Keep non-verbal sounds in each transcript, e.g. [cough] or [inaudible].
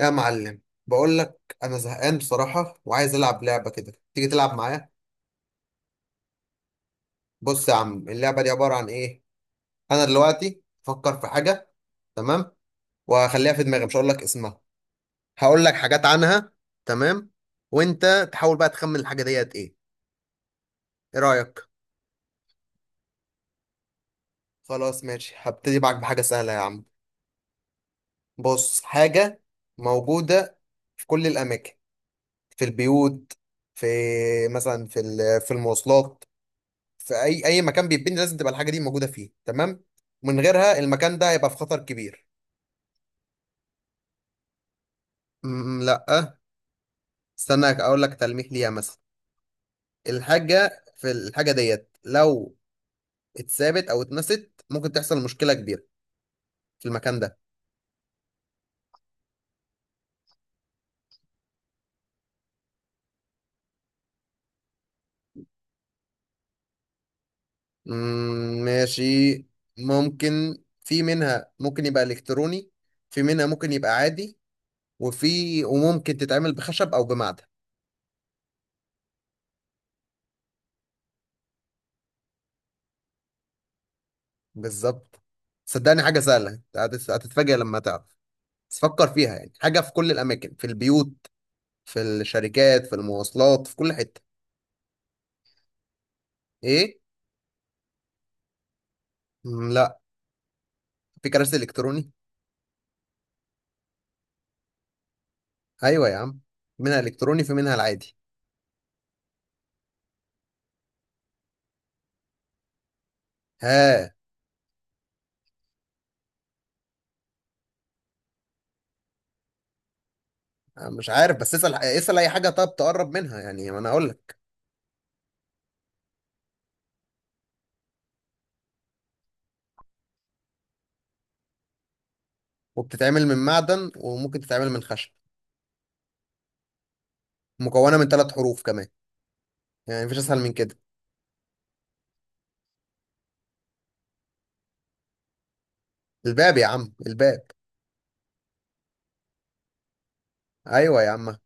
يا معلم، بقول لك انا زهقان بصراحه وعايز العب لعبه كده، تيجي تلعب معايا؟ بص يا عم، اللعبه دي عباره عن ايه. انا دلوقتي افكر في حاجه، تمام؟ وهخليها في دماغي مش هقول لك اسمها، هقول لك حاجات عنها. تمام؟ وانت تحاول بقى تخمن الحاجه ديت ايه. ايه رايك؟ خلاص ماشي، هبتدي معاك بحاجه سهله يا عم. بص، حاجه موجوده في كل الاماكن، في البيوت، في مثلا في في المواصلات، في اي مكان بيتبني لازم تبقى الحاجه دي موجوده فيه، تمام؟ من غيرها المكان ده هيبقى في خطر كبير. لا. استنى اقول لك تلميح ليها مثلا، الحاجه في الحاجه ديت لو اتثابت او اتنست ممكن تحصل مشكله كبيره في المكان ده. ماشي، ممكن في منها ممكن يبقى الكتروني، في منها ممكن يبقى عادي، وفي وممكن تتعمل بخشب او بمعدن. بالظبط. صدقني حاجه سهله هتتفاجئ لما تعرف. بس فكر فيها، يعني حاجة في كل الأماكن، في البيوت، في الشركات، في المواصلات، في كل حتة. إيه؟ مم، لا. في كراسي إلكتروني؟ أيوة يا عم، منها إلكتروني في منها العادي. ها؟ أنا مش عارف، بس اسأل اسأل أي حاجة طب تقرب منها، يعني ما أنا أقول لك. وبتتعمل من معدن وممكن تتعمل من خشب، مكونة من 3 حروف كمان، يعني مفيش أسهل من كده. الباب يا عم، الباب! أيوة يا عم.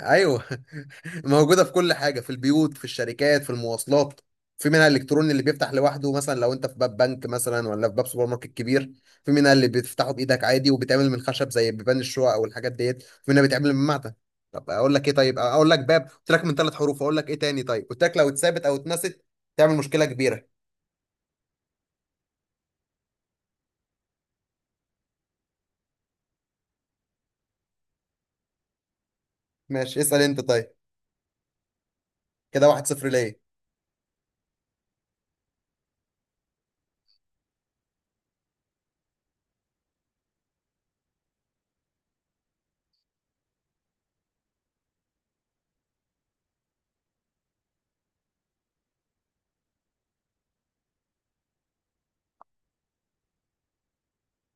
ايوه. [laughs] موجوده في كل حاجه، في البيوت، في الشركات، في المواصلات، في منها الالكتروني اللي بيفتح لوحده، مثلا لو انت في باب بنك مثلا، ولا في باب سوبر ماركت كبير، في منها اللي بتفتحه بايدك عادي وبيتعمل من خشب زي بيبان الشقق او الحاجات ديت، في منها بيتعمل من معدن. طب اقول لك ايه طيب، اقول لك باب، قلت لك من 3 حروف، اقول لك ايه تاني طيب، قلت لك لو اتثابت او اتنست تعمل مشكله كبيره. ماشي اسال انت طيب، كده 1-0 ليه.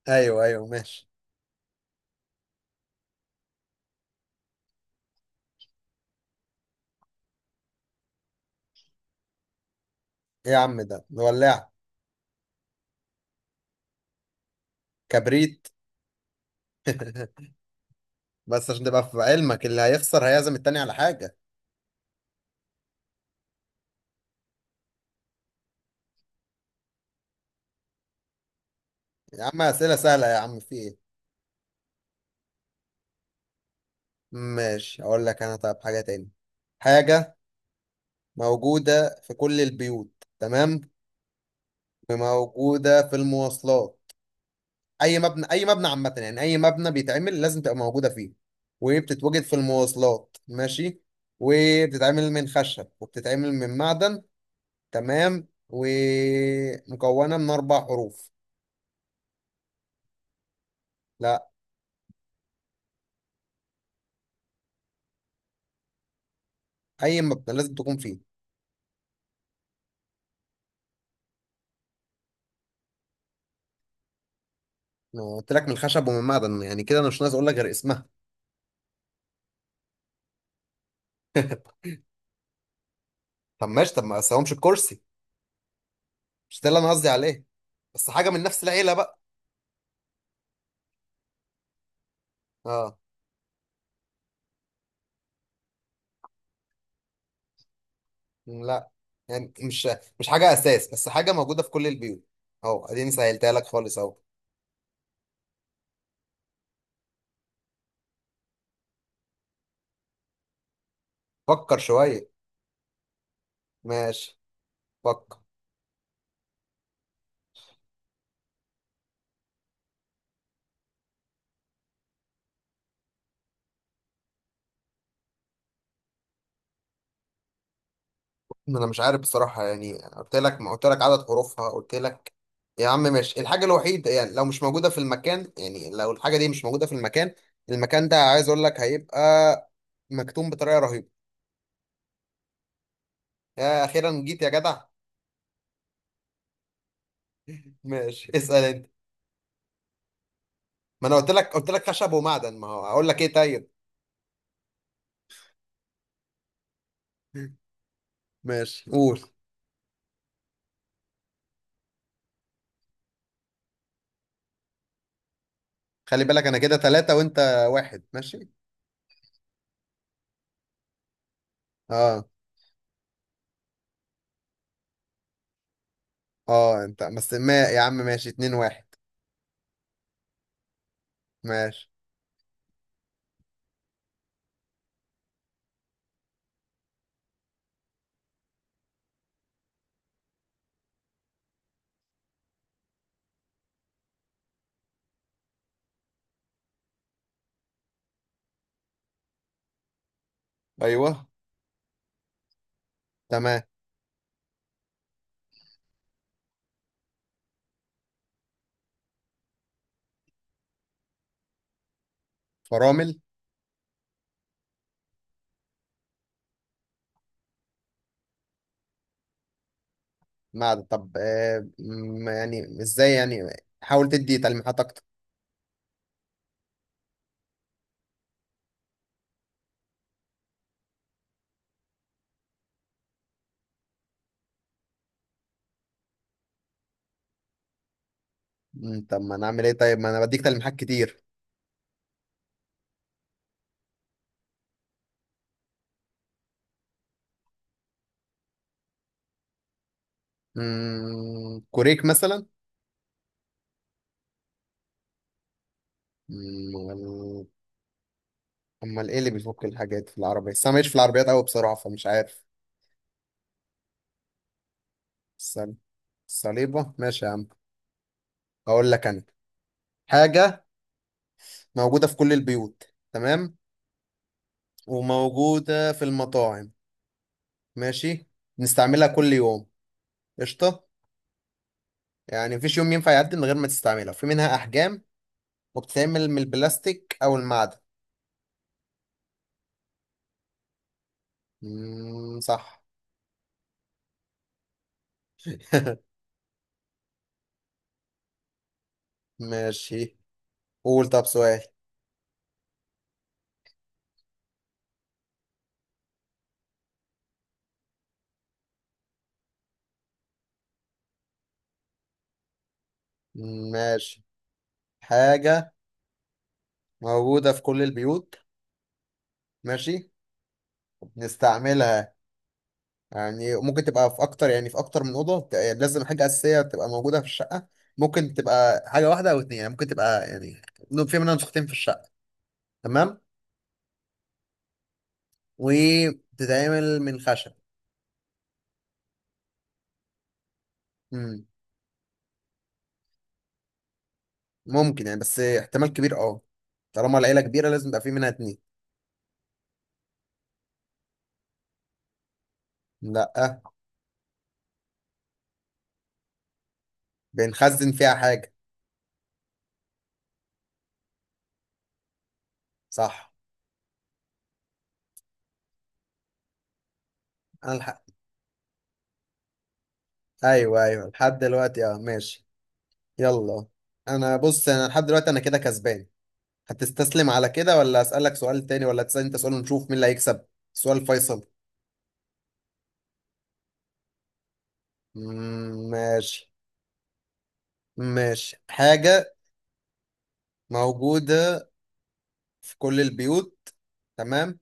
ايوه ايوه ماشي. ايه يا عم ده ولع؟ كبريت! [laughs] بس عشان تبقى في علمك اللي هيخسر هيعزم التاني على حاجة. يا عم أسئلة سهلة يا عم، في إيه؟ ماشي أقول لك أنا، طب حاجة تاني. حاجة موجودة في كل البيوت، تمام؟ وموجودة في المواصلات، أي مبنى عامة يعني، أي مبنى بيتعمل لازم تبقى موجودة فيه، وبتتوجد في المواصلات، ماشي؟ وبتتعمل من خشب وبتتعمل من معدن، تمام؟ ومكونة من 4 حروف. لا. أي مبنى لازم تكون فيه. ما هو قلت لك من خشب ومن معدن، يعني كده انا مش ناقص اقول لك غير اسمها. طب ماشي طب، ما قسمهمش الكرسي، مش ده اللي انا قصدي عليه، بس حاجه من نفس العيله بقى. اه. لا، يعني مش حاجه اساس بس حاجه موجوده في كل البيوت، اهو اديني سهلتها لك خالص اهو، فكر شويه. ماشي، فكر. ما انا مش عارف بصراحه يعني، قلت لك، ما قلت لك عدد حروفها، قلت لك يا عم ماشي الحاجه الوحيده، يعني لو مش موجوده في المكان، يعني لو الحاجه دي مش موجوده في المكان، المكان ده عايز اقول لك هيبقى مكتوم بطريقه رهيبه. يا اخيرا جيت يا جدع! ماشي اسال انت، ما انا قلت لك، قلت لك خشب ومعدن، ما هو اقول لك ايه طيب. ماشي قول. خلي بالك انا كده 3 وانت 1، ماشي. اه، اه انت بس، ما يا عم ماشي 2-1. ماشي. ايوه. تمام. فرامل؟ معدن؟ طب آه يعني ازاي يعني، حاول تدي تلميحات اكتر. طب ما انا اعمل ايه طيب، ما انا بديك تلميحات كتير. كوريك مثلا؟ مم، امال ايه اللي بيفك الحاجات في العربية؟ بس انا ماليش في العربيات قوي بصراحة فمش عارف. الصل- الصليبة، ماشي يا عم. اقول لك انا، حاجة موجودة في كل البيوت، تمام؟ وموجودة في المطاعم، ماشي؟ بنستعملها كل يوم. قشطة. يعني مفيش يوم ينفع يعدي من غير ما تستعملها، في منها احجام، وبتتعمل من البلاستيك او المعدن. مم، صح. [laughs] ماشي، قول طب سؤال. ماشي، حاجة موجودة في كل البيوت، ماشي؟ بنستعملها، يعني ممكن تبقى في اكتر، يعني في اكتر من اوضه، يعني لازم حاجه اساسيه تبقى موجوده في الشقه، ممكن تبقى حاجه واحده او 2، يعني ممكن تبقى يعني في منها نسختين في الشقه، تمام؟ وبتتعمل من خشب. امم. ممكن يعني بس احتمال كبير، اه، طالما العيله كبيره لازم يبقى في منها 2. لا. بنخزن فيها حاجه. صح. انا الح... ايوه ايوه لحد دلوقتي اه، ماشي، يلا. انا بص، انا لحد دلوقتي انا كده كسبان، هتستسلم على كده ولا اسالك سؤال تاني ولا تسال انت سؤال ونشوف مين اللي هيكسب، سؤال فيصل. مم، ماشي، ماشي. حاجة موجودة في كل البيوت، تمام؟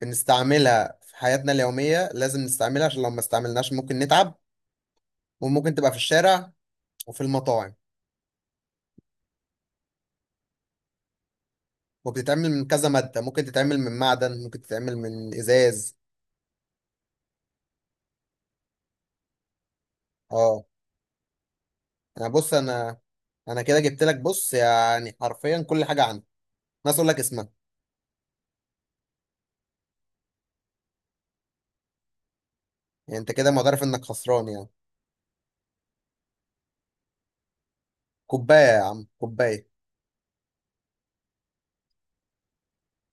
بنستعملها في حياتنا اليومية، لازم نستعملها عشان لو ما استعملناش ممكن نتعب، وممكن تبقى في الشارع وفي المطاعم، وبتتعمل من كذا مادة، ممكن تتعمل من معدن ممكن تتعمل من إزاز. اه. انا بص انا، انا كده جبت لك بص يعني حرفيا كل حاجة عندي، ناس اقول لك اسمها. يعني انت كده معترف انك خسران يعني؟ كوباية يا عم، كوباية!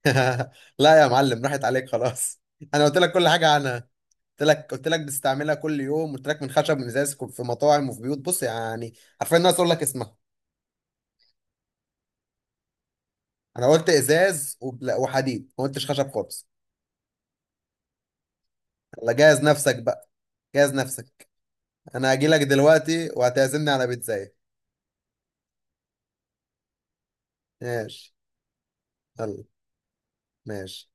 [laughs] لا يا معلم راحت عليك خلاص، انا قلت لك كل حاجة عنها، قلت لك، قلت لك بتستعملها كل يوم، قلت لك من خشب من ازاز في مطاعم وفي بيوت بص يعني، عارفين الناس اقول لك اسمها. انا قلت ازاز وحديد، ما قلتش خشب خالص. يلا جهز نفسك بقى، جهز نفسك. انا هجي لك دلوقتي وهتعزمني على بيتزاية. ماشي يلا ماشي.